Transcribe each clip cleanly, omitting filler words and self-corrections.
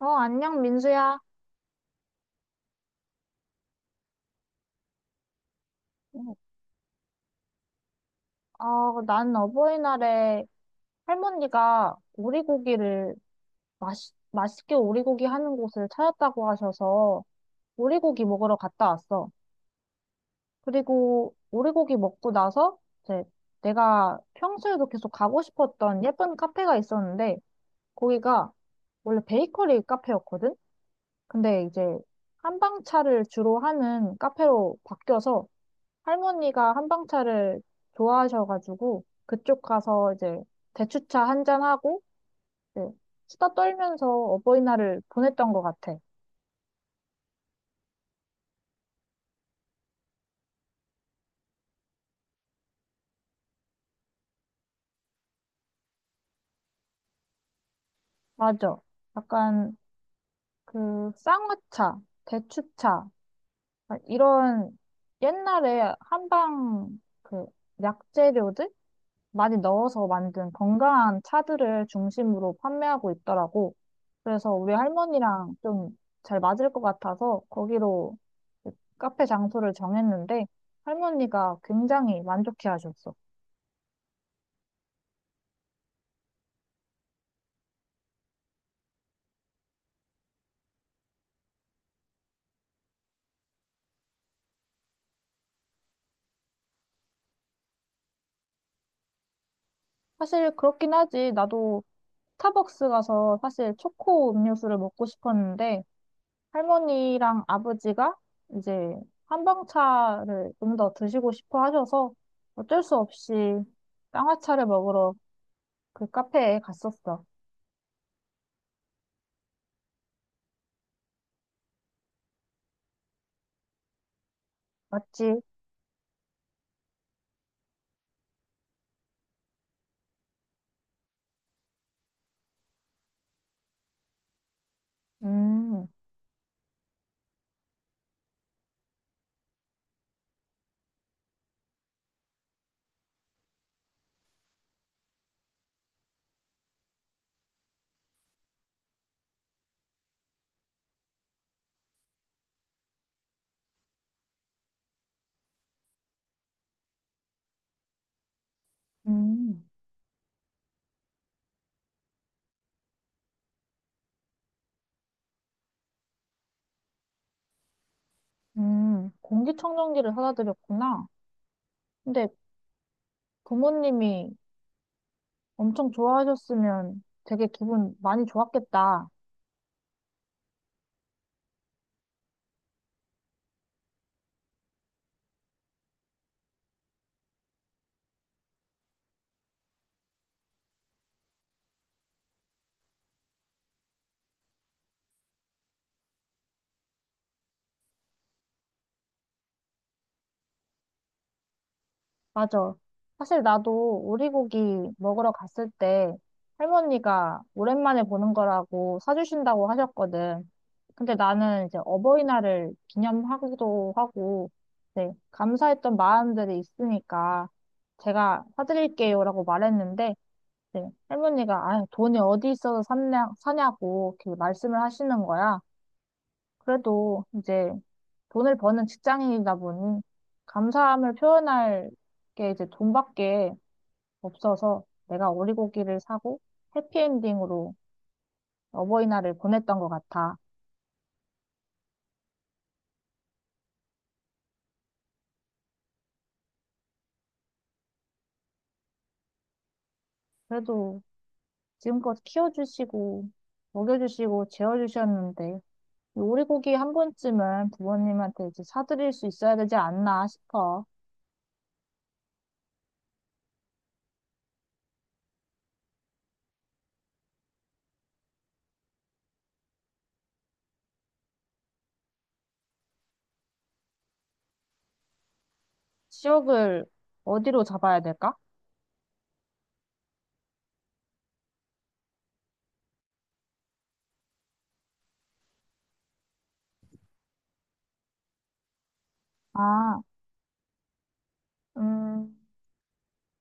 어, 안녕, 민수야. 응. 어, 난 어버이날에 할머니가 오리고기를 맛있게 오리고기 하는 곳을 찾았다고 하셔서 오리고기 먹으러 갔다 왔어. 그리고 오리고기 먹고 나서 이제 내가 평소에도 계속 가고 싶었던 예쁜 카페가 있었는데 거기가 원래 베이커리 카페였거든? 근데 이제 한방차를 주로 하는 카페로 바뀌어서 할머니가 한방차를 좋아하셔가지고 그쪽 가서 이제 대추차 한잔하고 이제 수다 떨면서 어버이날을 보냈던 것 같아. 맞아. 약간 그 쌍화차, 대추차 아, 이런 옛날에 한방 그 약재료들 많이 넣어서 만든 건강한 차들을 중심으로 판매하고 있더라고. 그래서 우리 할머니랑 좀 잘 맞을 것 같아서 거기로 카페 장소를 정했는데 할머니가 굉장히 만족해 하셨어. 사실 그렇긴 하지. 나도 스타벅스 가서 사실 초코 음료수를 먹고 싶었는데 할머니랑 아버지가 이제 한방차를 좀 더 드시고 싶어 하셔서 어쩔 수 없이 쌍화차를 먹으러 그 카페에 갔었어. 맞지? 음, 음, 공기청정기를 사다 드렸구나. 근데 부모님이 엄청 좋아하셨으면 되게 기분 많이 좋았겠다. 맞아. 사실 나도 오리고기 먹으러 갔을 때 할머니가 오랜만에 보는 거라고 사주신다고 하셨거든. 근데 나는 이제 어버이날을 기념하기도 하고, 네, 감사했던 마음들이 있으니까 제가 사드릴게요라고 말했는데, 네, 할머니가 아, 돈이 어디 있어서 샀냐, 사냐고 이렇게 말씀을 하시는 거야. 그래도 이제 돈을 버는 직장인이다 보니 감사함을 표현할 게 이제 돈밖에 없어서 내가 오리고기를 사고 해피엔딩으로 어버이날을 보냈던 것 같아. 그래도 지금껏 키워주시고 먹여주시고 재워주셨는데 이 오리고기 한 번쯤은 부모님한테 이제 사드릴 수 있어야 되지 않나 싶어. 지역을 어디로 잡아야 될까? 아, 음,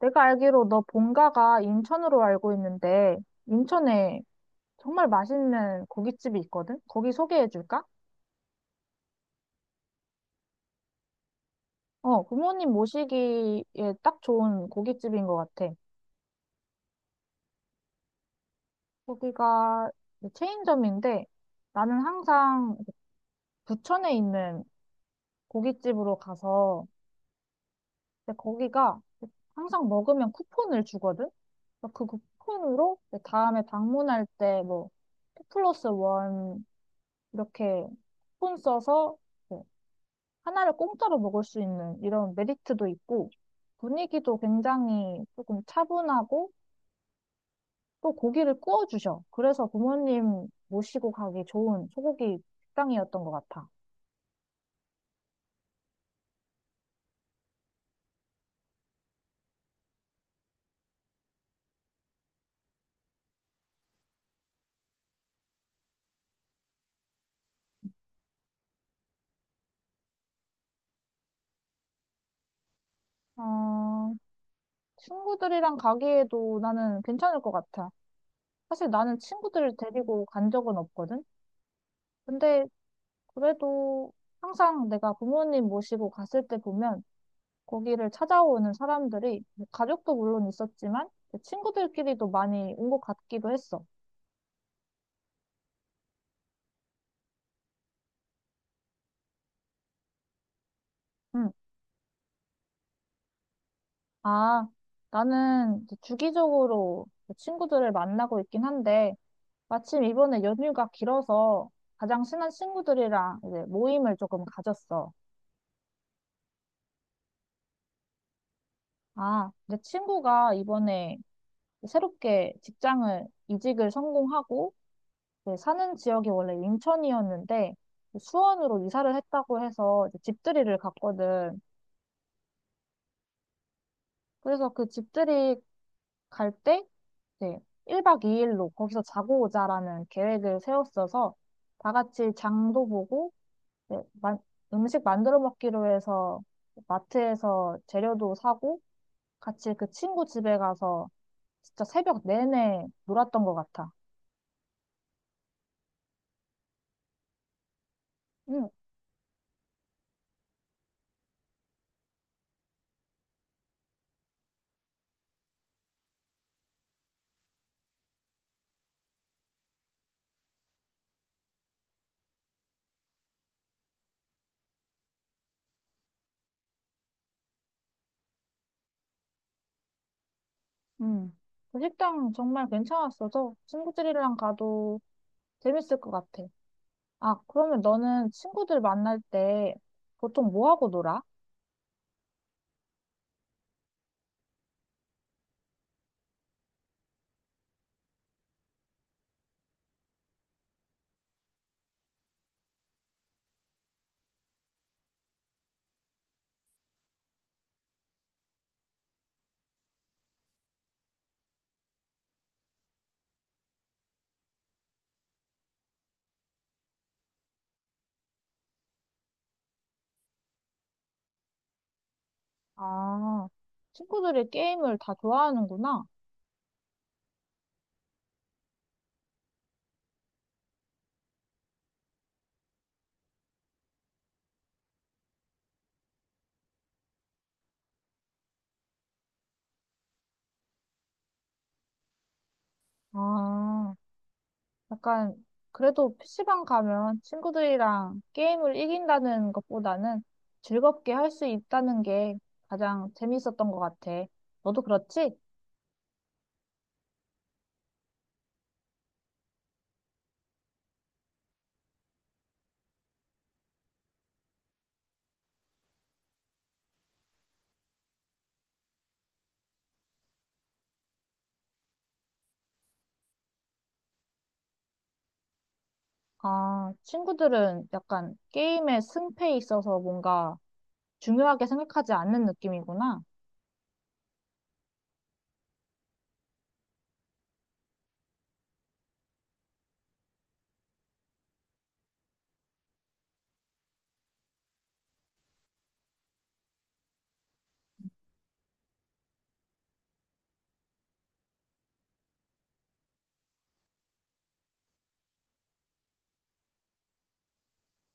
내가 알기로 너 본가가 인천으로 알고 있는데, 인천에 정말 맛있는 고깃집이 있거든? 거기 소개해 줄까? 어, 부모님 모시기에 딱 좋은 고깃집인 것 같아. 거기가 체인점인데, 나는 항상 부천에 있는 고깃집으로 가서, 근데 거기가 항상 먹으면 쿠폰을 주거든? 그래서 그 쿠폰으로 다음에 방문할 때 뭐, 2 플러스 1 이렇게 쿠폰 써서 네, 하나를 공짜로 먹을 수 있는 이런 메리트도 있고 분위기도 굉장히 조금 차분하고 또 고기를 구워 주셔. 그래서 부모님 모시고 가기 좋은 소고기 식당이었던 것 같아. 어, 친구들이랑 가기에도 나는 괜찮을 것 같아. 사실 나는 친구들을 데리고 간 적은 없거든. 근데 그래도 항상 내가 부모님 모시고 갔을 때 보면 거기를 찾아오는 사람들이 가족도 물론 있었지만 친구들끼리도 많이 온 것 같기도 했어. 응. 아, 나는 이제 주기적으로 친구들을 만나고 있긴 한데 마침 이번에 연휴가 길어서 가장 친한 친구들이랑 이제 모임을 조금 가졌어. 아, 내 친구가 이번에 새롭게 직장을 이직을 성공하고 이제 사는 지역이 원래 인천이었는데 수원으로 이사를 했다고 해서 이제 집들이를 갔거든. 그래서 그 집들이 갈 때, 이제 1박 2일로 거기서 자고 오자라는 계획을 세웠어서 다 같이 장도 보고, 이제 음식 만들어 먹기로 해서 마트에서 재료도 사고, 같이 그 친구 집에 가서 진짜 새벽 내내 놀았던 것 같아. 응, 응. 그 식당 정말 괜찮았어서 친구들이랑 가도 재밌을 것 같아. 아, 그러면 너는 친구들 만날 때 보통 뭐 하고 놀아? 아, 친구들이 게임을 다 좋아하는구나. 아, 약간, 그래도 PC방 가면 친구들이랑 게임을 이긴다는 것보다는 즐겁게 할 수 있다는 게 가장 재밌었던 것 같아. 너도 그렇지? 아, 친구들은 약간 게임의 승패에 있어서 뭔가 중요하게 생각하지 않는 느낌이구나.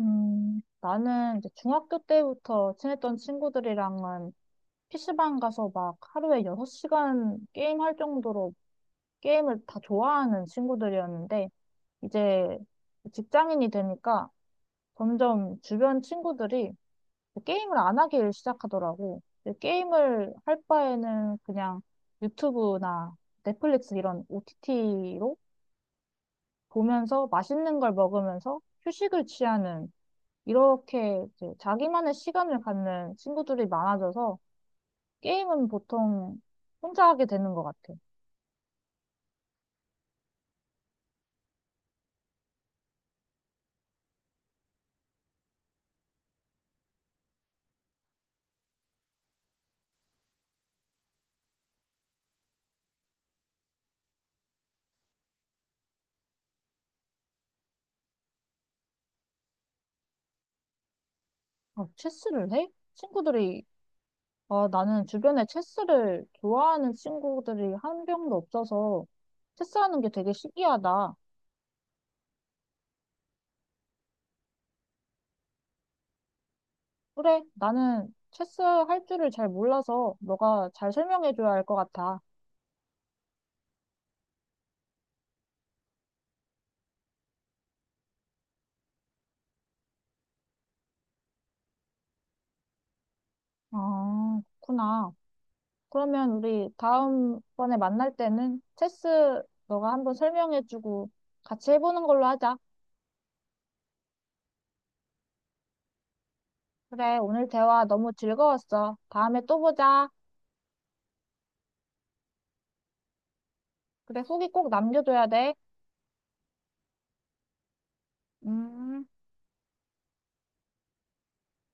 나는 이제 중학교 때부터 친했던 친구들이랑은 PC방 가서 막 하루에 6시간 게임할 정도로 게임을 다 좋아하는 친구들이었는데, 이제 직장인이 되니까 점점 주변 친구들이 게임을 안 하길 시작하더라고. 근데 게임을 할 바에는 그냥 유튜브나 넷플릭스 이런 OTT로 보면서 맛있는 걸 먹으면서 휴식을 취하는 이렇게 이제 자기만의 시간을 갖는 친구들이 많아져서 게임은 보통 혼자 하게 되는 것 같아. 아, 체스를 해? 친구들이, 아, 나는 주변에 체스를 좋아하는 친구들이 한 명도 없어서 체스하는 게 되게 신기하다. 그래, 나는 체스 할 줄을 잘 몰라서 너가 잘 설명해줘야 할 것 같아. 아, 그렇구나. 그러면 우리 다음번에 만날 때는 체스 너가 한번 설명해주고 같이 해보는 걸로 하자. 그래, 오늘 대화 너무 즐거웠어. 다음에 또 보자. 그래, 후기 꼭 남겨줘야 돼. 음.